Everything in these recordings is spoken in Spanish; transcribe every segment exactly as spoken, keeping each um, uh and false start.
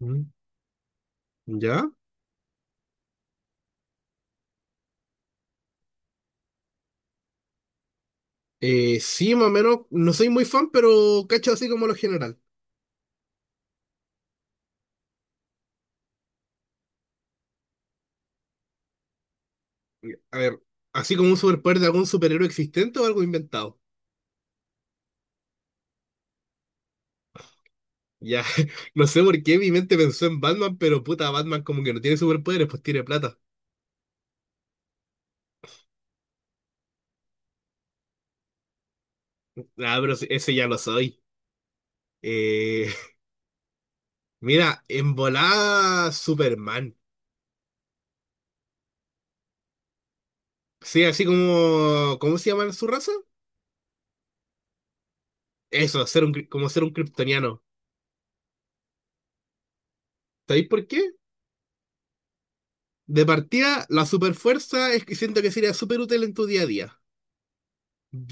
Mm. ¿Ya? Eh, sí, más o menos, no soy muy fan, pero cacho así como lo general. A ver, así como un superpoder de algún superhéroe existente o algo inventado. Ya, no sé por qué mi mente pensó en Batman, pero puta, Batman como que no tiene superpoderes, pues tiene plata. Ah, pero si- ese ya lo soy. Eh, mira, en volada Superman. Sí, así como, ¿cómo se llama su raza? Eso, ser un, cri- como ser un kryptoniano. ¿Sabéis por qué? De partida, la superfuerza es que siento que sería súper útil en tu día a día.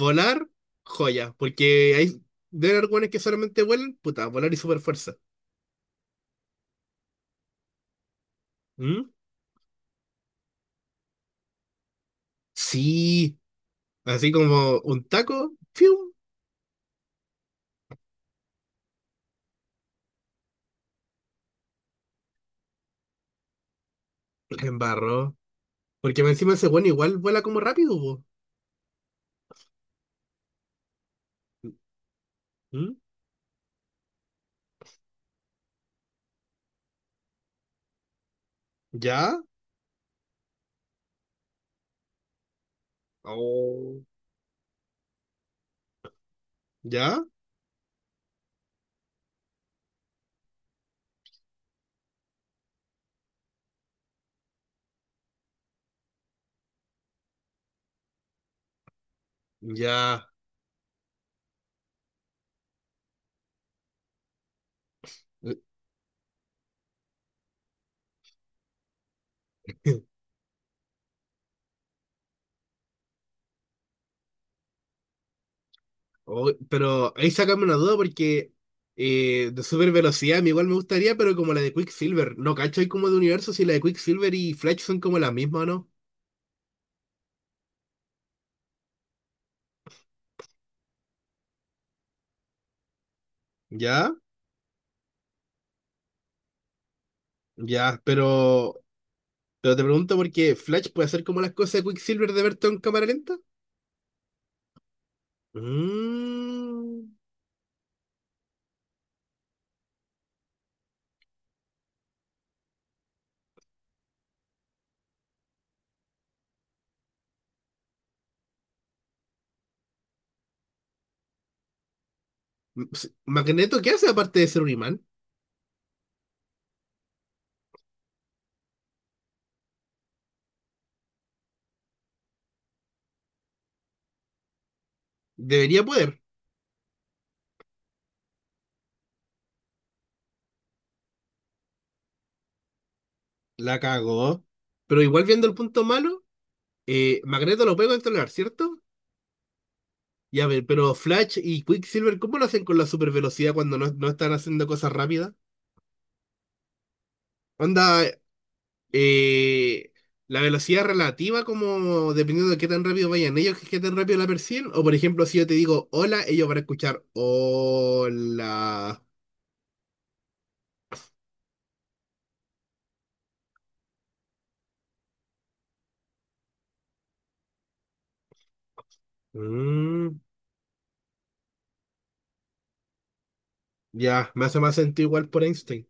Volar, joya, porque hay de algunos que solamente vuelan, puta, volar y super fuerza. Sí, así como un taco, ¡fium! La embarró. Porque encima ese bueno igual vuela como rápido, po. ¿Mm? ¿Ya? Oh, ¿ya? Ya. Oh, pero ahí sacame una duda porque eh, de super velocidad a mí igual me gustaría, pero como la de Quicksilver. No, cacho, hay como de universo si la de Quicksilver y Flash son como la misma, ¿o ¿no? ¿Ya? Ya, pero Pero te pregunto porque Flash puede hacer como las cosas de Quicksilver de Berton en cámara lenta. Mm. S- Magneto, ¿qué hace aparte de ser un imán? Debería poder. La cagó. Pero igual viendo el punto malo, eh, Magneto lo puede controlar, ¿cierto? Y a ver, pero Flash y Quicksilver, ¿cómo lo hacen con la supervelocidad cuando no, no están haciendo cosas rápidas? Onda, eh, la velocidad relativa, como dependiendo de qué tan rápido vayan ellos, que qué tan rápido la perciben. O por ejemplo, si yo te digo hola, ellos van a escuchar hola. Mm, ya, me hace más sentido igual por Einstein.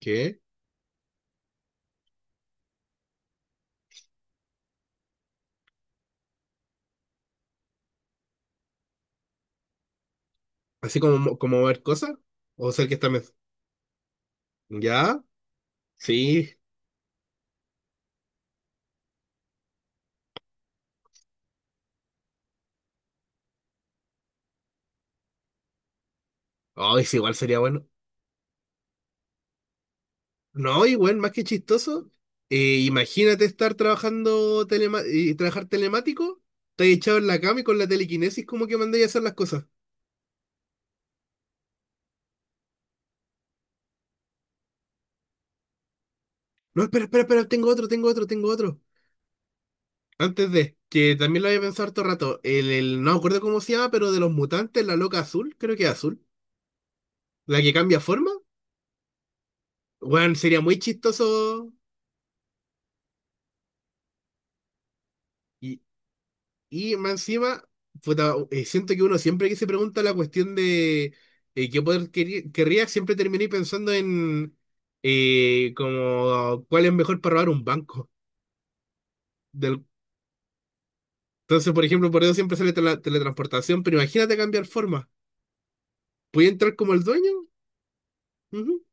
¿Qué? Así como, mo- como mover cosas. O ser que está. Mes- ya, sí. Ay, sí, igual sería bueno. No, igual, más que chistoso. eh, imagínate estar trabajando telema- y trabajar telemático, te echado en la cama y con la telequinesis como que mandáis a hacer las cosas. No, espera, espera, espera, tengo otro, tengo otro, tengo otro. Antes de, que también lo había pensado harto rato. El, el- no me acuerdo cómo se llama, pero de los mutantes, la loca azul, creo que es azul. La que cambia forma. Bueno, sería muy chistoso. Y, y más encima, puta, eh, siento que uno siempre que se pregunta la cuestión de eh, qué poder querí- querría, siempre terminé pensando en eh, como cuál es mejor para robar un banco. Del, entonces, por ejemplo, por eso siempre sale tele- teletransportación, pero imagínate cambiar forma. ¿Puede entrar como el dueño? Ujú.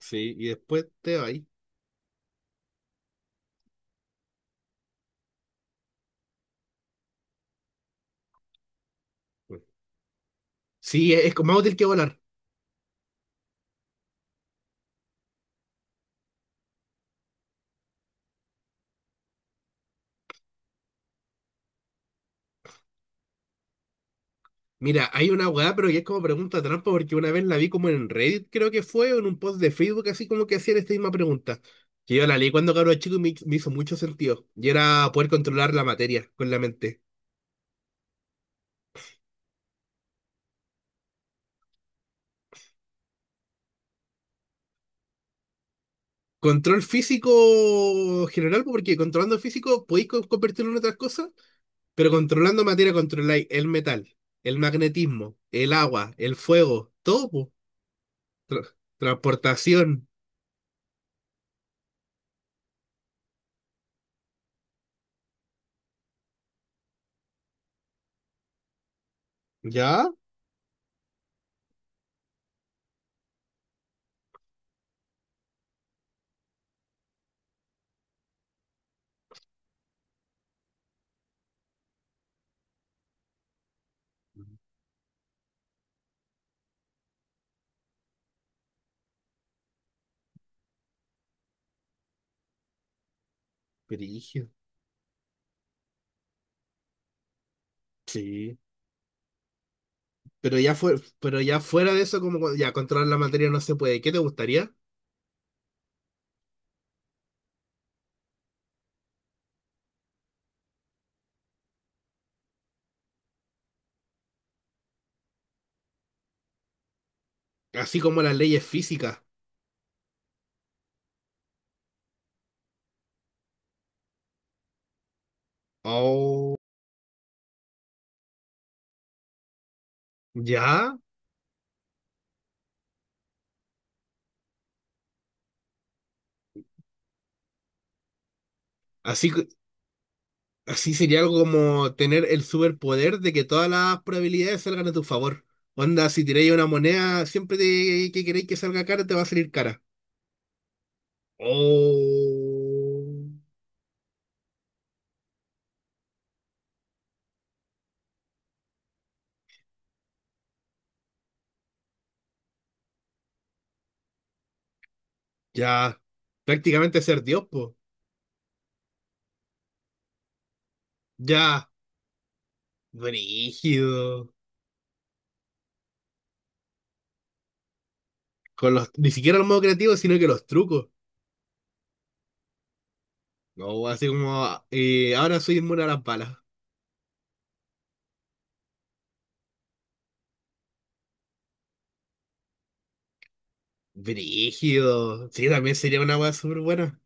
Sí, y después te va ahí. Pues. Sí, es, es como más útil que volar. Mira, hay una weá, pero que es como pregunta trampa, porque una vez la vi como en Reddit, creo que fue, o en un post de Facebook, así como que hacían esta misma pregunta. Que yo la leí cuando cabro chico y me, me hizo mucho sentido. Y era poder controlar la materia con la mente. Control físico general, pues, porque controlando físico podéis co- convertirlo en otras cosas, pero controlando materia controláis el metal, el magnetismo, el agua, el fuego, todo, po. Tra- transportación. ¿Ya? Brígido. Sí. Pero ya fue, pero ya fuera de eso, como cu- ya controlar la materia no se puede. ¿Qué te gustaría? Así como las leyes físicas. Oh, ¿ya? Así, que- así sería algo como tener el superpoder de que todas las probabilidades salgan a tu favor. Onda, si tiráis una moneda, siempre te- que queréis que salga cara, te va a salir cara. Oh, ya. Prácticamente ser Dios, po. Ya. Brígido. Con los, ni siquiera el modo creativo, sino que los trucos. No, así como, eh, ahora soy inmune a las balas. Brígido. Sí, también sería una weá súper buena.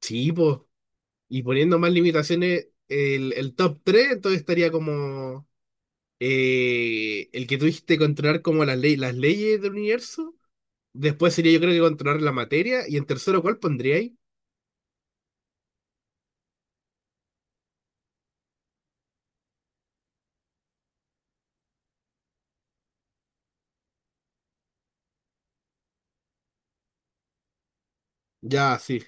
Sí, pues. Y poniendo más limitaciones, el, el top tres entonces estaría como eh, el que tuviste que controlar como las, ley- las leyes del universo. Después sería yo creo que controlar la materia. Y en tercero, ¿cuál pondría ahí? Ya, sí.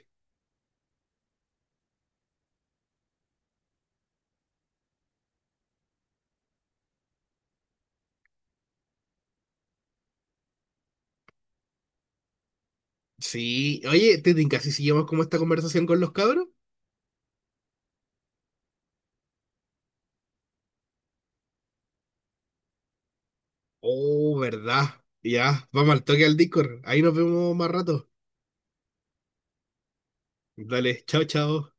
Sí. Oye, Tetin, casi seguimos como esta conversación con los cabros. Oh, ¿verdad? Ya, vamos al toque al Discord. Ahí nos vemos más rato. Dale, chao, chao.